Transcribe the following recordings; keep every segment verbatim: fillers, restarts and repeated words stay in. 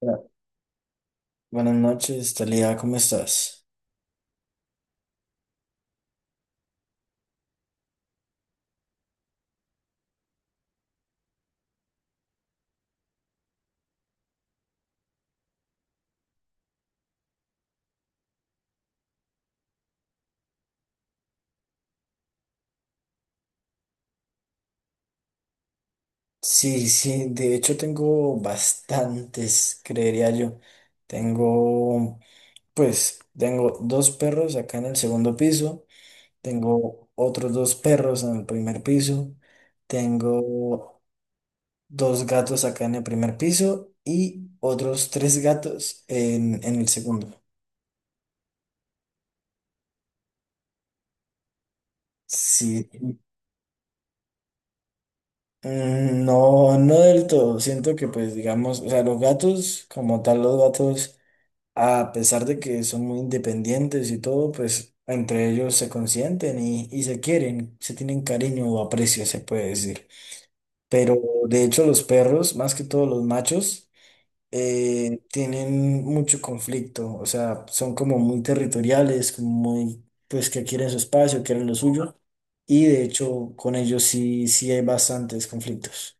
Hola. Buenas noches, Talía, ¿cómo estás? Sí, sí, de hecho tengo bastantes, creería yo. Tengo, pues, tengo dos perros acá en el segundo piso, tengo otros dos perros en el primer piso, tengo dos gatos acá en el primer piso y otros tres gatos en, en el segundo. Sí, mm, no, no del todo. Siento que, pues, digamos, o sea, los gatos, como tal, los gatos, a pesar de que son muy independientes y todo, pues entre ellos se consienten y, y se quieren, se tienen cariño o aprecio, se puede decir. Pero de hecho los perros, más que todos los machos, eh, tienen mucho conflicto, o sea, son como muy territoriales, como muy, pues que quieren su espacio, quieren lo suyo, y de hecho con ellos sí, sí hay bastantes conflictos.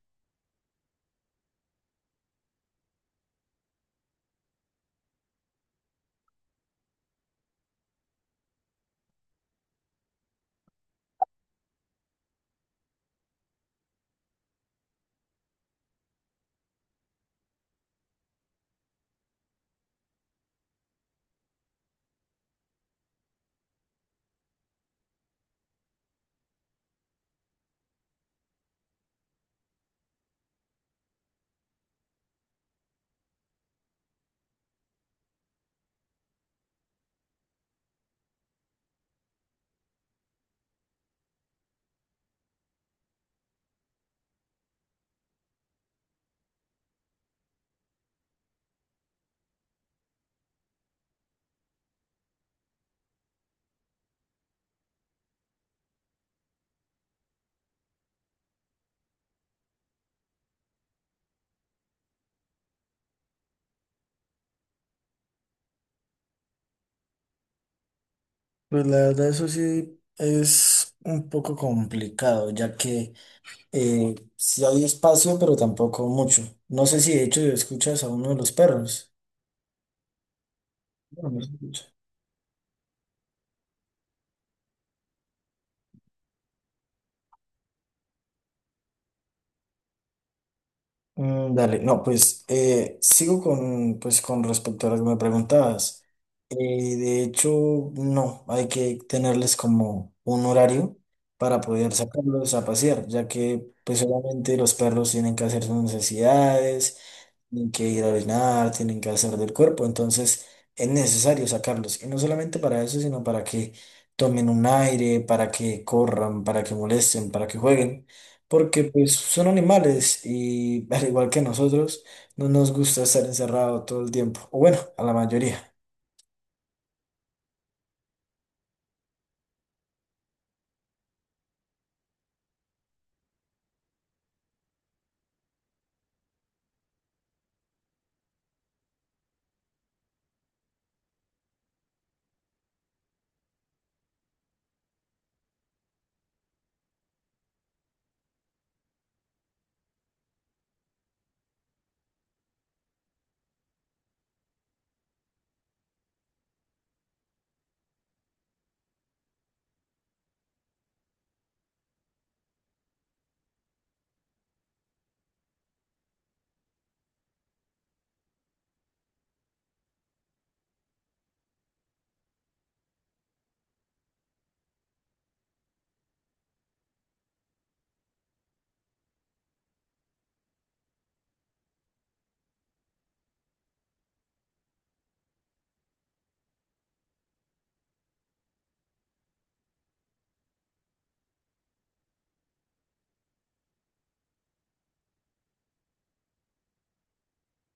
Pues la verdad eso sí es un poco complicado, ya que... Eh, sí hay espacio, pero tampoco mucho. No sé si de hecho escuchas a uno de los perros. no no se escucha. Mm, dale, no, pues eh, sigo con, pues, con respecto a lo que me preguntabas. Eh, de hecho, no, hay que tenerles como un horario para poder sacarlos a pasear, ya que pues obviamente los perros tienen que hacer sus necesidades. Tienen que ir a orinar, tienen que hacer del cuerpo, entonces es necesario sacarlos. Y no solamente para eso, sino para que tomen un aire, para que corran, para que molesten, para que jueguen, porque pues son animales y al igual que nosotros, no nos gusta estar encerrado todo el tiempo, o bueno, a la mayoría.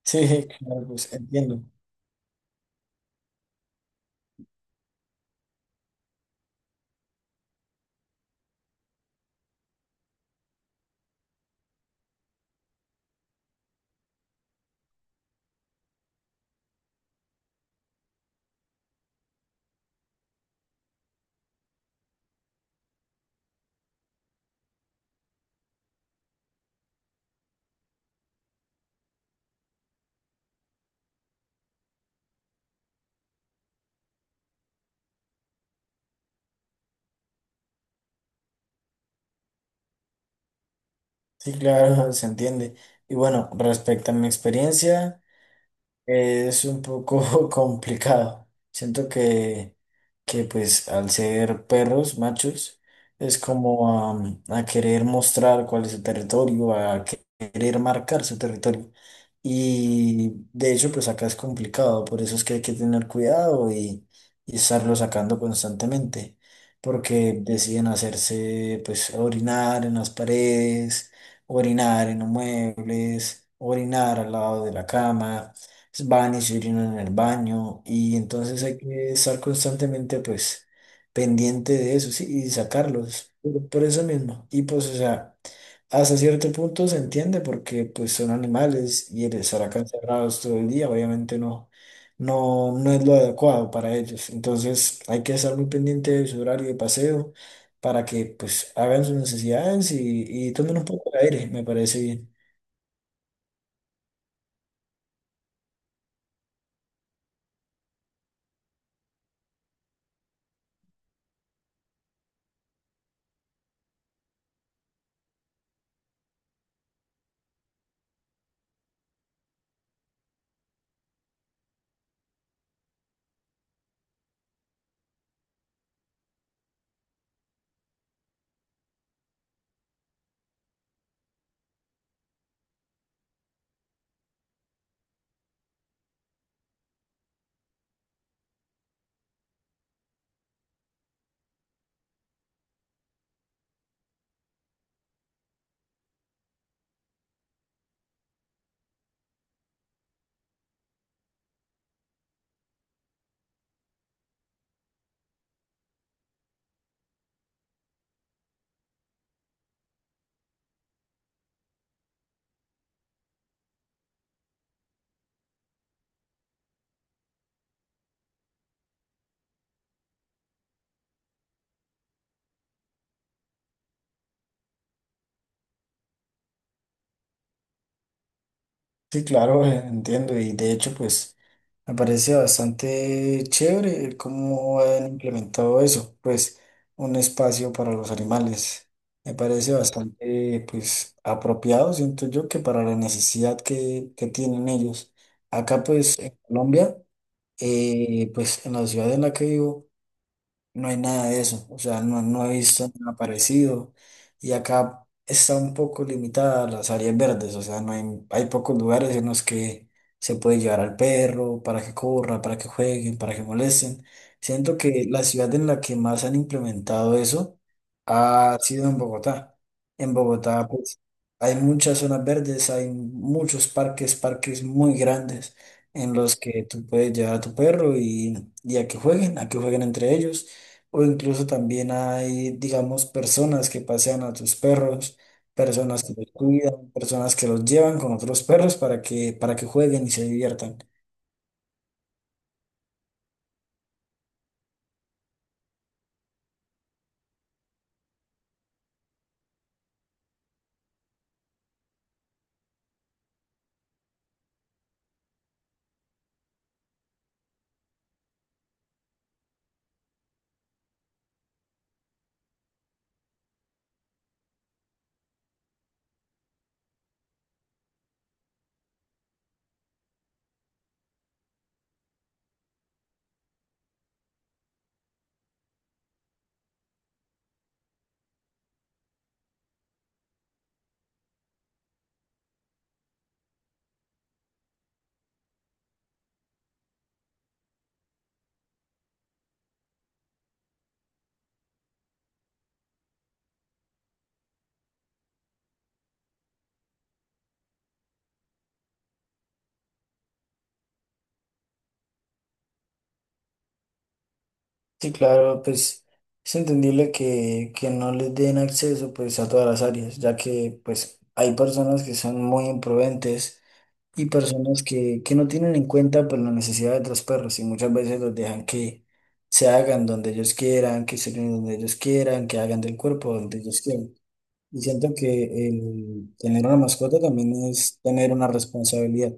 Sí, claro, pues entiendo. Sí, claro, se entiende. Y bueno, respecto a mi experiencia. Es un poco complicado. Siento que, que pues al ser perros machos es como am, a, querer mostrar cuál es su territorio, a querer marcar su territorio. Y de hecho pues acá es complicado, por eso es que hay que tener cuidado y, y estarlo sacando constantemente, porque deciden hacerse pues orinar en las paredes, orinar en los muebles, orinar al lado de la cama pues, van y se orinan en el baño y entonces hay que estar constantemente pues pendiente de eso, sí, y sacarlos por, por eso mismo. Y pues, o sea, hasta cierto punto se entiende porque pues son animales y el estar acá encerrados todo el día obviamente no, no, no es lo adecuado para ellos. Entonces hay que estar muy pendiente de su horario de paseo para que pues hagan sus necesidades y, y tomen un poco de aire, me parece bien. Sí, claro, eh, entiendo. Y de hecho, pues me parece bastante chévere el cómo han implementado eso, pues un espacio para los animales. Me parece bastante, pues, apropiado, siento yo, que para la necesidad que, que tienen ellos. Acá, pues, en Colombia, eh, pues en la ciudad en la que vivo no hay nada de eso, o sea, no, no he visto nada parecido y acá está un poco limitada las áreas verdes, o sea, no hay, hay pocos lugares en los que se puede llevar al perro para que corra, para que jueguen, para que molesten. Siento que la ciudad en la que más han implementado eso ha sido en Bogotá. En Bogotá, pues, hay muchas zonas verdes, hay muchos parques, parques muy grandes en los que tú puedes llevar a tu perro y, y a que jueguen, a que jueguen entre ellos. O incluso también hay, digamos, personas que pasean a tus perros, personas que los cuidan, personas que los llevan con otros perros para que, para que jueguen y se diviertan. Sí, claro, pues es entendible que, que no les den acceso pues a todas las áreas, ya que pues hay personas que son muy imprudentes y personas que, que no tienen en cuenta pues la necesidad de otros perros y muchas veces los dejan que se hagan donde ellos quieran, que se den donde ellos quieran, que hagan del cuerpo donde ellos quieran. Y siento que el tener una mascota también es tener una responsabilidad.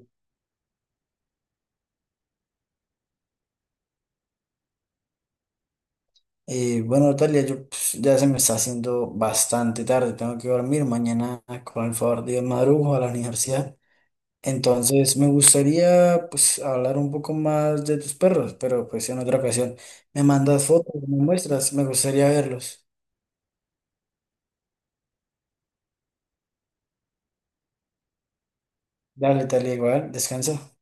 Eh, bueno, Natalia, yo pues, ya se me está haciendo bastante tarde, tengo que dormir, mañana con el favor de Dios madrugo a la universidad. Entonces, me gustaría pues hablar un poco más de tus perros, pero pues en otra ocasión. Me mandas fotos, me muestras, me gustaría verlos. Dale, Natalia, igual, descansa.